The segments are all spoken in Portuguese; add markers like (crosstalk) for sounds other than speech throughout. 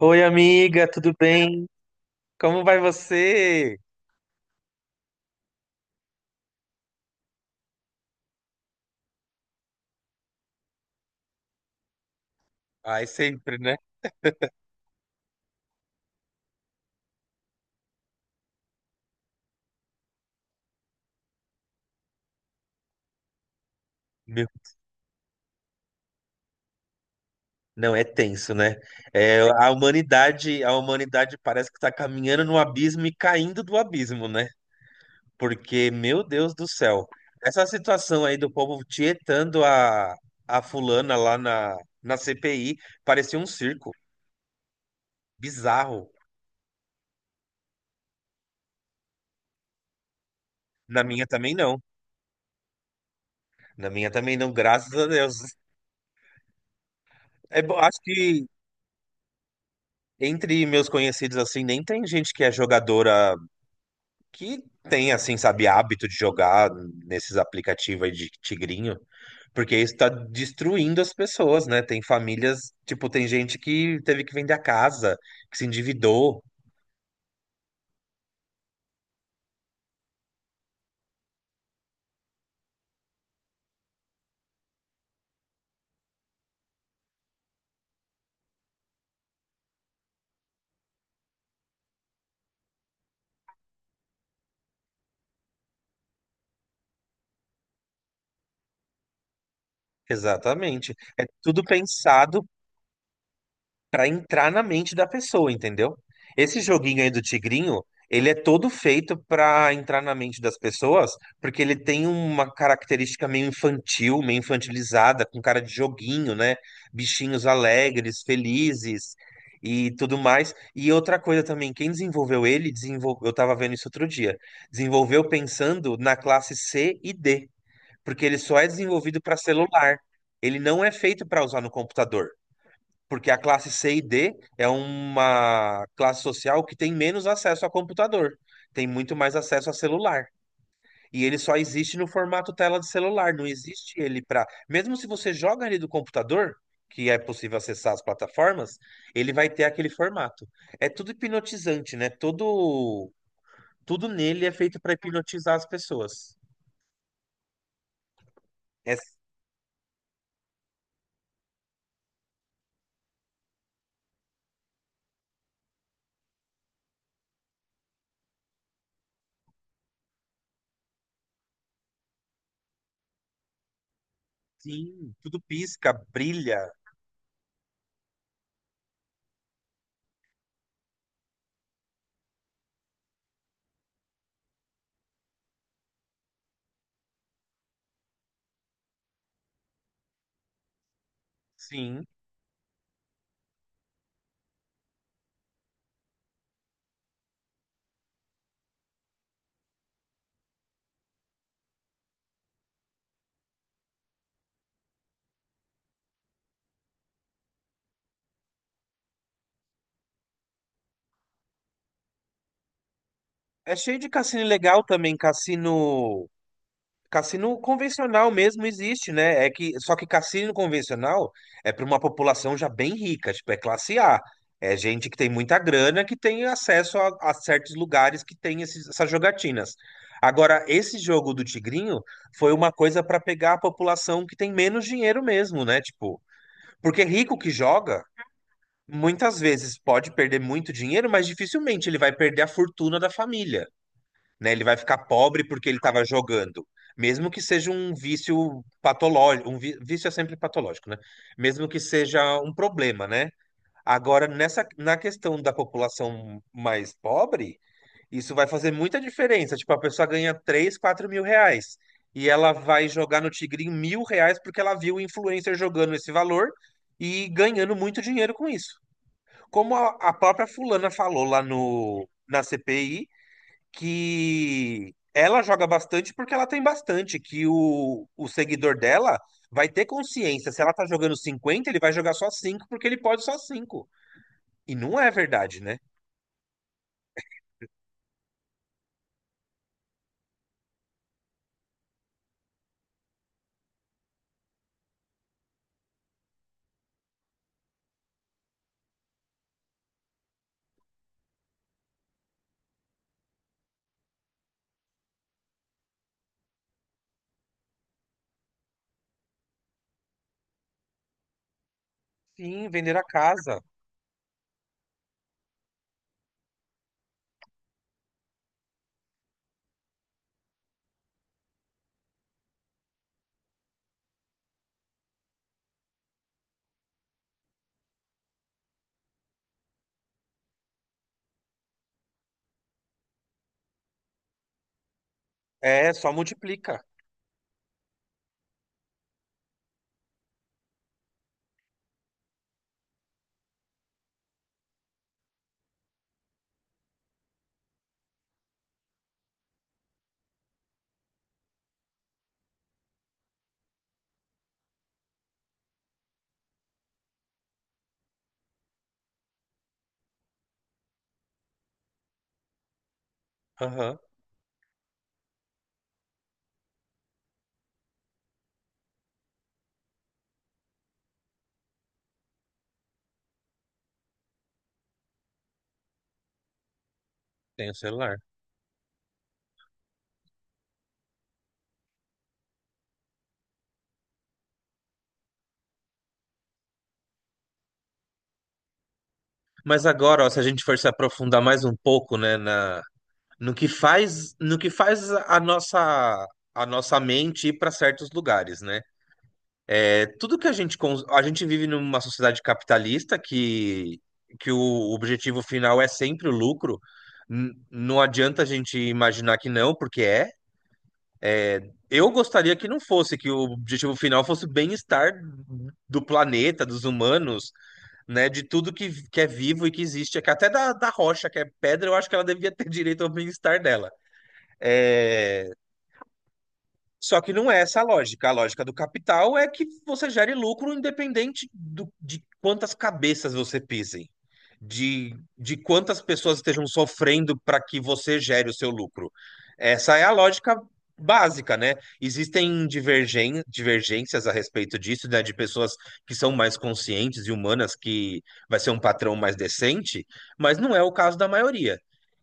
Oi, amiga, tudo bem? Como vai você? Ai, sempre, né? Meu, não, é tenso, né? É, a humanidade parece que está caminhando no abismo e caindo do abismo, né? Porque, meu Deus do céu, essa situação aí do povo tietando a fulana lá na CPI parecia um circo bizarro. Na minha também não. Na minha também não, graças a Deus. É, bom, acho que entre meus conhecidos, assim, nem tem gente que é jogadora que tem, assim, sabe, hábito de jogar nesses aplicativos aí de tigrinho, porque isso tá destruindo as pessoas, né? Tem famílias, tipo, tem gente que teve que vender a casa, que se endividou. Exatamente. É tudo pensado pra entrar na mente da pessoa, entendeu? Esse joguinho aí do Tigrinho, ele é todo feito pra entrar na mente das pessoas, porque ele tem uma característica meio infantil, meio infantilizada, com cara de joguinho, né? Bichinhos alegres, felizes e tudo mais. E outra coisa também, quem desenvolveu ele, desenvolveu, eu tava vendo isso outro dia, desenvolveu pensando na classe C e D, porque ele só é desenvolvido para celular. Ele não é feito para usar no computador porque a classe C e D é uma classe social que tem menos acesso a computador, tem muito mais acesso a celular. E ele só existe no formato tela de celular, não existe ele para. Mesmo se você joga ali do computador, que é possível acessar as plataformas, ele vai ter aquele formato. É tudo hipnotizante, né? Todo, tudo nele é feito para hipnotizar as pessoas. É sim, tudo pisca, brilha. Sim. É cheio de cassino legal também, cassino. Cassino convencional mesmo existe, né? É que só que cassino convencional é para uma população já bem rica, tipo, é classe A. É gente que tem muita grana que tem acesso a certos lugares que tem essas jogatinas. Agora, esse jogo do Tigrinho foi uma coisa para pegar a população que tem menos dinheiro mesmo, né? Tipo, porque rico que joga, muitas vezes pode perder muito dinheiro, mas dificilmente ele vai perder a fortuna da família, né? Ele vai ficar pobre porque ele estava jogando. Mesmo que seja um vício patológico, um vício é sempre patológico, né? Mesmo que seja um problema, né? Agora, nessa, na questão da população mais pobre, isso vai fazer muita diferença. Tipo, a pessoa ganha 3, 4 mil reais e ela vai jogar no Tigrinho 1 mil reais porque ela viu o influencer jogando esse valor e ganhando muito dinheiro com isso. Como a própria fulana falou lá no, na CPI, que ela joga bastante porque ela tem bastante, que o seguidor dela vai ter consciência. Se ela tá jogando 50, ele vai jogar só 5 porque ele pode só cinco. E não é verdade, né? Sim, vender a casa. É, só multiplica. Aham, tem o celular. Mas agora, ó, se a gente for se aprofundar mais um pouco, né, na, no que faz, no que faz a nossa mente ir para certos lugares, né? É, tudo que a gente vive numa sociedade capitalista que o objetivo final é sempre o lucro. Não adianta a gente imaginar que não, porque é. É, eu gostaria que não fosse, que o objetivo final fosse o bem-estar do planeta, dos humanos, né, de tudo que é vivo e que existe, que até da, da rocha, que é pedra, eu acho que ela devia ter (laughs) direito ao bem-estar dela. Só que não é essa a lógica. A lógica do capital é que você gere lucro independente de quantas cabeças você pisem, de quantas pessoas estejam sofrendo para que você gere o seu lucro. Essa é a lógica básica, né? Existem divergências a respeito disso, né? De pessoas que são mais conscientes e humanas, que vai ser um patrão mais decente, mas não é o caso da maioria.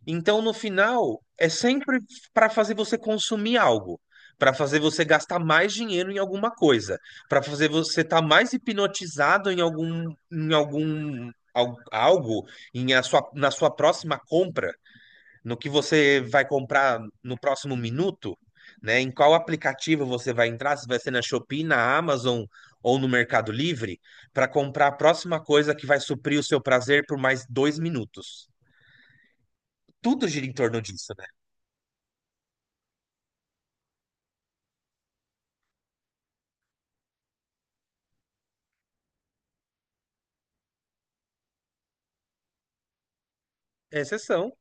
Então, no final, é sempre para fazer você consumir algo, para fazer você gastar mais dinheiro em alguma coisa, para fazer você estar mais hipnotizado em algum, em algo, em a sua, na sua próxima compra, no que você vai comprar no próximo minuto, né? Em qual aplicativo você vai entrar, se vai ser na Shopee, na Amazon ou no Mercado Livre, para comprar a próxima coisa que vai suprir o seu prazer por mais dois minutos. Tudo gira em torno disso, né? É exceção.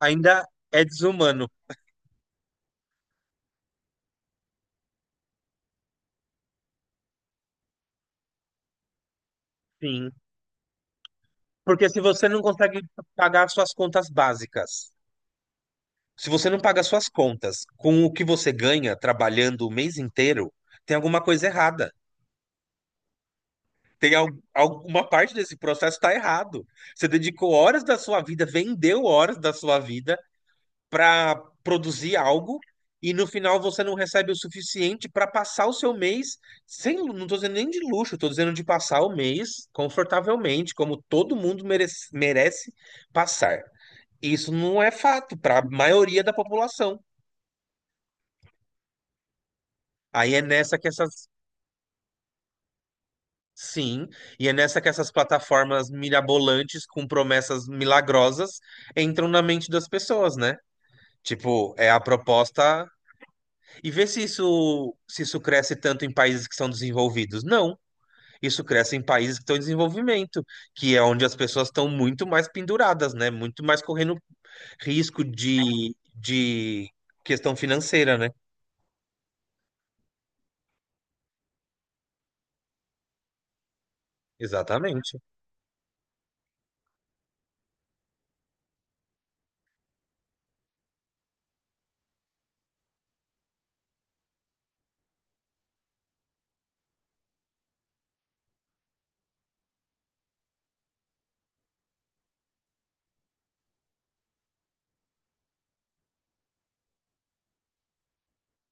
Ainda é desumano. Sim. Porque se você não consegue pagar suas contas básicas, se você não paga suas contas com o que você ganha trabalhando o mês inteiro, tem alguma coisa errada. Tem alguma parte desse processo está errado. Você dedicou horas da sua vida, vendeu horas da sua vida para produzir algo e no final você não recebe o suficiente para passar o seu mês sem, não estou dizendo nem de luxo, estou dizendo de passar o mês confortavelmente, como todo mundo merece passar. Isso não é fato para a maioria da população. Aí é nessa que essas. Sim, e é nessa que essas plataformas mirabolantes com promessas milagrosas entram na mente das pessoas, né? Tipo, é a proposta. E vê se isso cresce tanto em países que são desenvolvidos. Não. Isso cresce em países que estão em desenvolvimento, que é onde as pessoas estão muito mais penduradas, né? Muito mais correndo risco de questão financeira, né? Exatamente.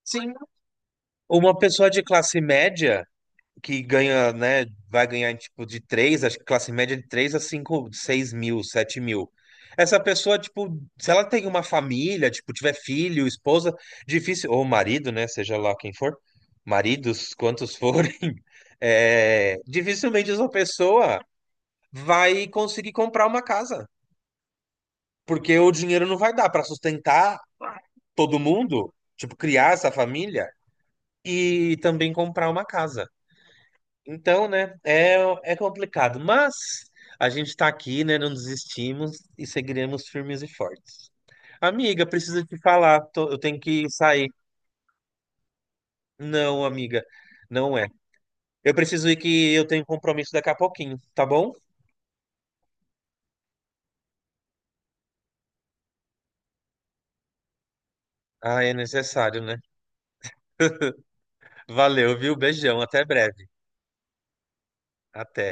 Sim, uma pessoa de classe média que ganha, né, vai ganhar tipo de três, acho que classe média de 3 a 5, 6 mil, 7 mil. Essa pessoa, tipo, se ela tem uma família, tipo, tiver filho, esposa, difícil, ou marido, né, seja lá quem for, maridos, quantos forem, (laughs) é, dificilmente essa pessoa vai conseguir comprar uma casa, porque o dinheiro não vai dar para sustentar todo mundo, tipo, criar essa família e também comprar uma casa. Então, né, é, é complicado, mas a gente está aqui, né, não desistimos e seguiremos firmes e fortes. Amiga, preciso te falar, eu tenho que sair. Não, amiga, não é. Eu preciso ir que eu tenho compromisso daqui a pouquinho, tá bom? Ah, é necessário, né? Valeu, viu? Beijão, até breve. Até.